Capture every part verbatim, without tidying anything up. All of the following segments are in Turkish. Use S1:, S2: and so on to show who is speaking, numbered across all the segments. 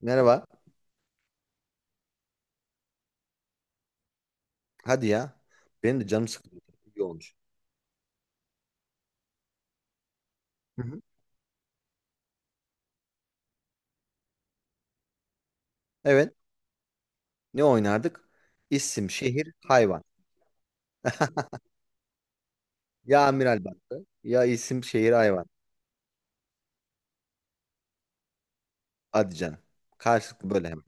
S1: Merhaba. Hadi ya. Benim de canım sıkıldı. İyi olmuş. Hı hı. Evet. Ne oynardık? İsim, şehir, hayvan. Ya amiral battı. Ya isim, şehir, hayvan. Hadi canım. Karşılıklı böyle hemen.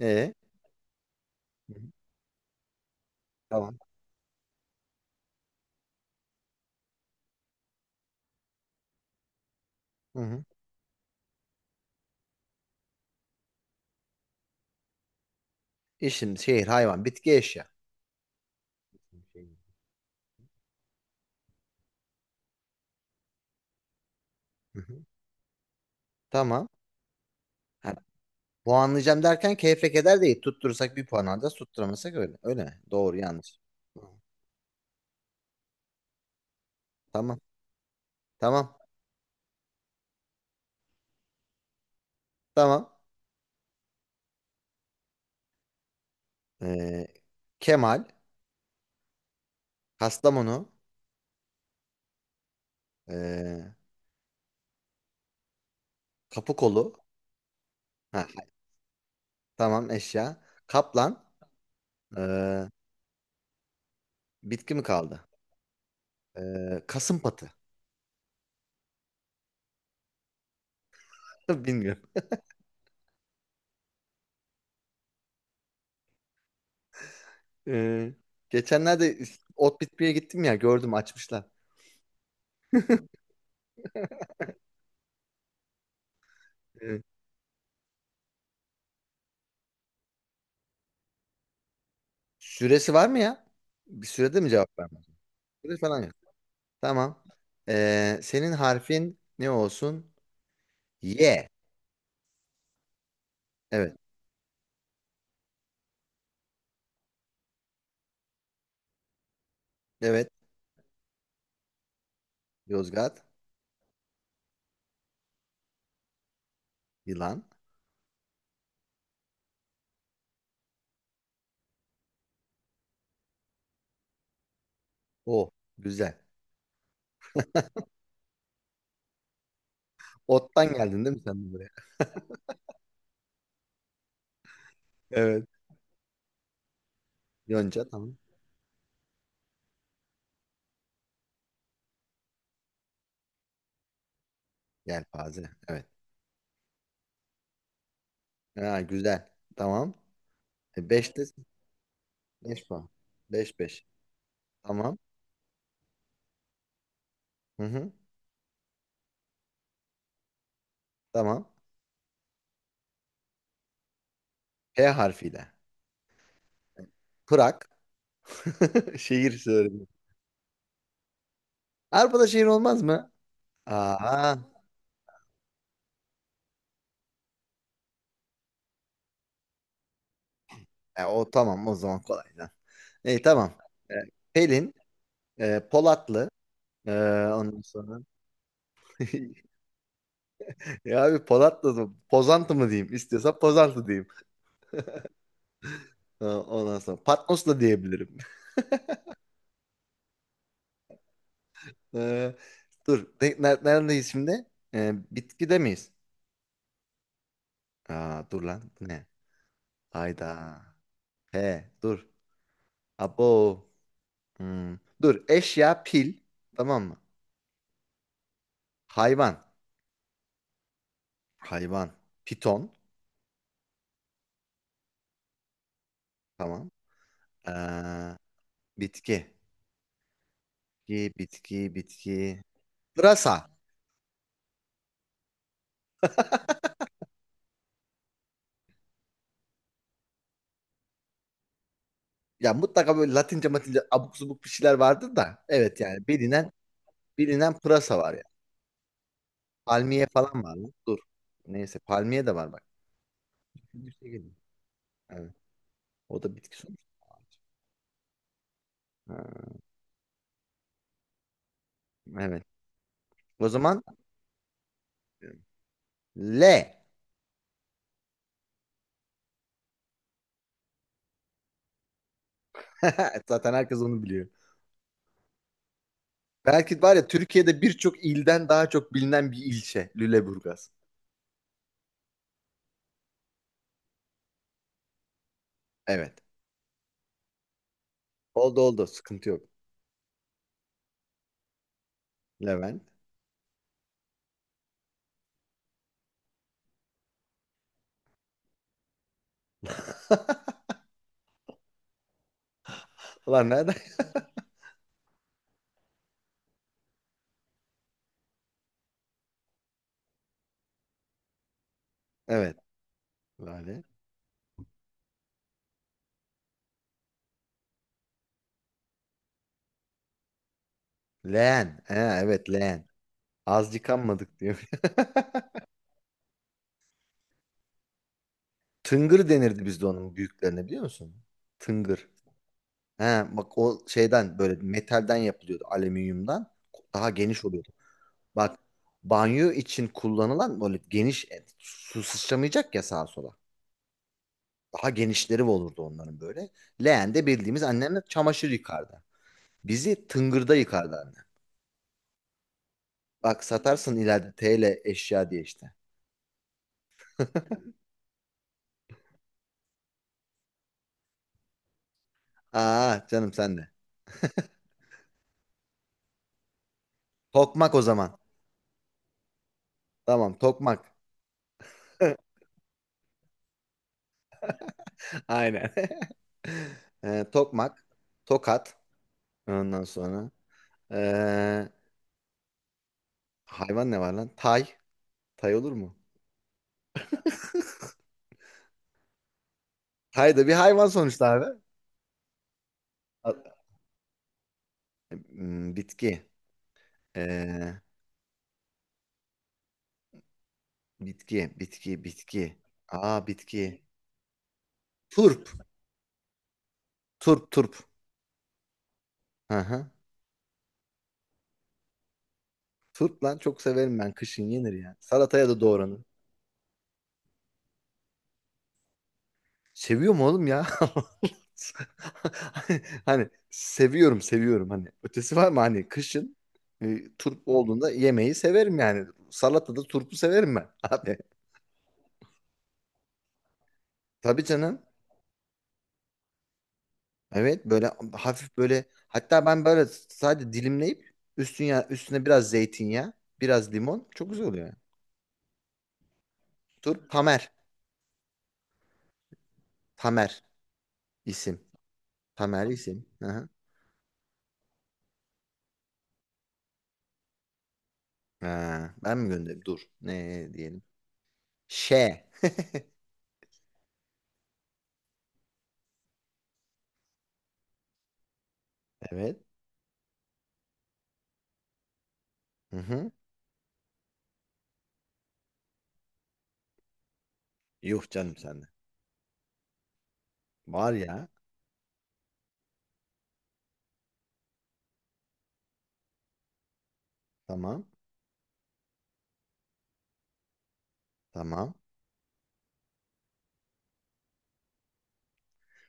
S1: E, Hı hı. Tamam. Hı hı. İsim, şehir, hayvan, bitki, eşya. İsim, şehir. Hı hı. Tamam. Ha, puanlayacağım derken keyfe keder değil. Tutturursak bir puan alacağız. Tutturamasak öyle. Öyle mi? Doğru, yanlış. Hı. Tamam. Tamam. Tamam. Ee, Kemal, Kastamonu, ee, kapı kolu. Ha, tamam eşya. Kaplan. Ee, Bitki mi kaldı? Ee, kasım patı. Bilmiyorum. Ee, Geçenlerde ot bitmeye gittim ya gördüm açmışlar. Ee, Süresi var mı ya? Bir sürede mi cevap vermem? Süre falan yok. Tamam. Ee, senin harfin ne olsun? Y. Evet. Evet. Yozgat. Yılan. O. Güzel. Ottan geldin değil mi sen de buraya? Evet. Yonca tamam. Yelpaze. Evet. Ha, güzel. Tamam. E beşte beş puan. beş beş. Tamam. Hı hı. Tamam. P harfiyle. Prag. Şehir söyledim. Avrupa'da şehir olmaz mı? Aa. E, o tamam o zaman kolay lan. E, tamam. E, Pelin, e, Polatlı. E, Ondan sonra ya abi Polatlı mı? Pozantı mı diyeyim? İstiyorsan Pozantı diyeyim. E, ondan sonra Patmos da diyebilirim. E, Dur. Ne, ne- neredeyiz şimdi? E, bitkide miyiz? Aa, dur lan. Bu ne? Hayda. He dur. Abo. Hmm. Dur eşya pil. Tamam mı? Hayvan. Hayvan. Piton. Tamam. Ee, Bitki. Bitki, bitki, bitki. Pırasa. Ya mutlaka böyle Latince matince abuk subuk bir şeyler vardır da. Evet yani bilinen bilinen pırasa var ya. Palmiye falan var lan. Dur. Neyse palmiye de var bak. Bir şey geliyor. Evet. O da bitki sonuçta. Ha, evet. O zaman L. Zaten herkes onu biliyor. Belki var ya Türkiye'de birçok ilden daha çok bilinen bir ilçe Lüleburgaz. Evet. Oldu oldu. Sıkıntı yok. Levent. Ulan nerede? Evet. Lale. Leğen. He, evet leğen. Az yıkanmadık diyor. Tıngır denirdi bizde onun büyüklerine biliyor musun? Tıngır. He, bak o şeyden böyle metalden yapılıyordu. Alüminyumdan. Daha geniş oluyordu. Bak banyo için kullanılan böyle geniş su sıçramayacak ya sağa sola. Daha genişleri olurdu onların böyle. Leğende bildiğimiz annemle çamaşır yıkardı. Bizi tıngırda yıkardı anne. Bak satarsın ileride T L eşya diye işte. Aa canım sen de. Tokmak o zaman. Tamam tokmak. Aynen. Ee, tokmak. Tokat. Ondan sonra. ee, Hayvan ne var lan? Tay. Tay olur mu? Tay da bir hayvan sonuçta abi. A- Hmm, bitki. Ee, Bitki. Bitki. Bitki. Aa bitki. Turp. Turp turp. Hı hı. Turp lan çok severim ben. Kışın yenir yani. Salataya da doğranır. Seviyorum oğlum ya. Hani seviyorum seviyorum hani. Ötesi var mı hani kışın e, turp olduğunda yemeği severim yani. Salatada turpu severim ben abi. Tabii canım. Evet böyle hafif böyle hatta ben böyle sadece dilimleyip üstüne üstüne biraz zeytinyağı, biraz limon çok güzel oluyor, yani. Turp Tamer. Tamer isim. Tamer isim. Hı hı. Ha, ben mi göndereyim? Dur. Ne diyelim? Ş. Evet. Hı hı. Yuh canım sende. Var ya. Tamam. Tamam.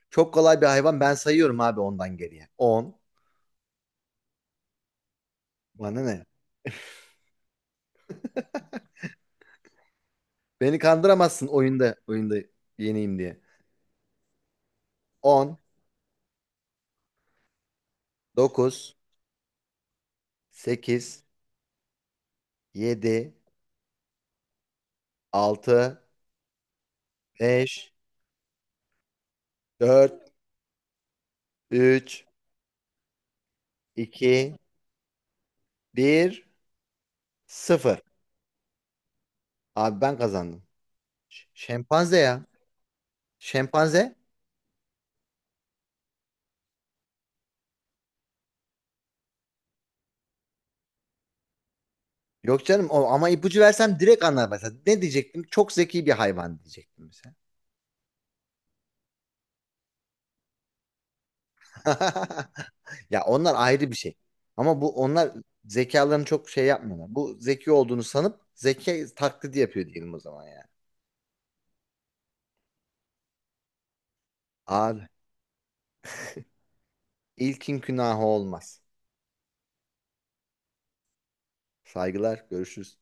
S1: Çok kolay bir hayvan. Ben sayıyorum abi ondan geriye. On. Bana ne? Beni kandıramazsın oyunda. Oyunda yeneyim diye. On. Dokuz. Sekiz. Yedi. Altı. Beş. Dört. Üç. iki, Bir. Sıfır. Abi ben kazandım. Ş- Şempanze ya. Şempanze. Yok canım o, ama ipucu versem direkt anlar mesela. Ne diyecektim? Çok zeki bir hayvan diyecektim mesela. Ya onlar ayrı bir şey. Ama bu onlar zekalarını çok şey yapmıyorlar. Bu zeki olduğunu sanıp zeki taklidi yapıyor diyelim o zaman yani. Abi ilkin günahı olmaz. Saygılar, görüşürüz.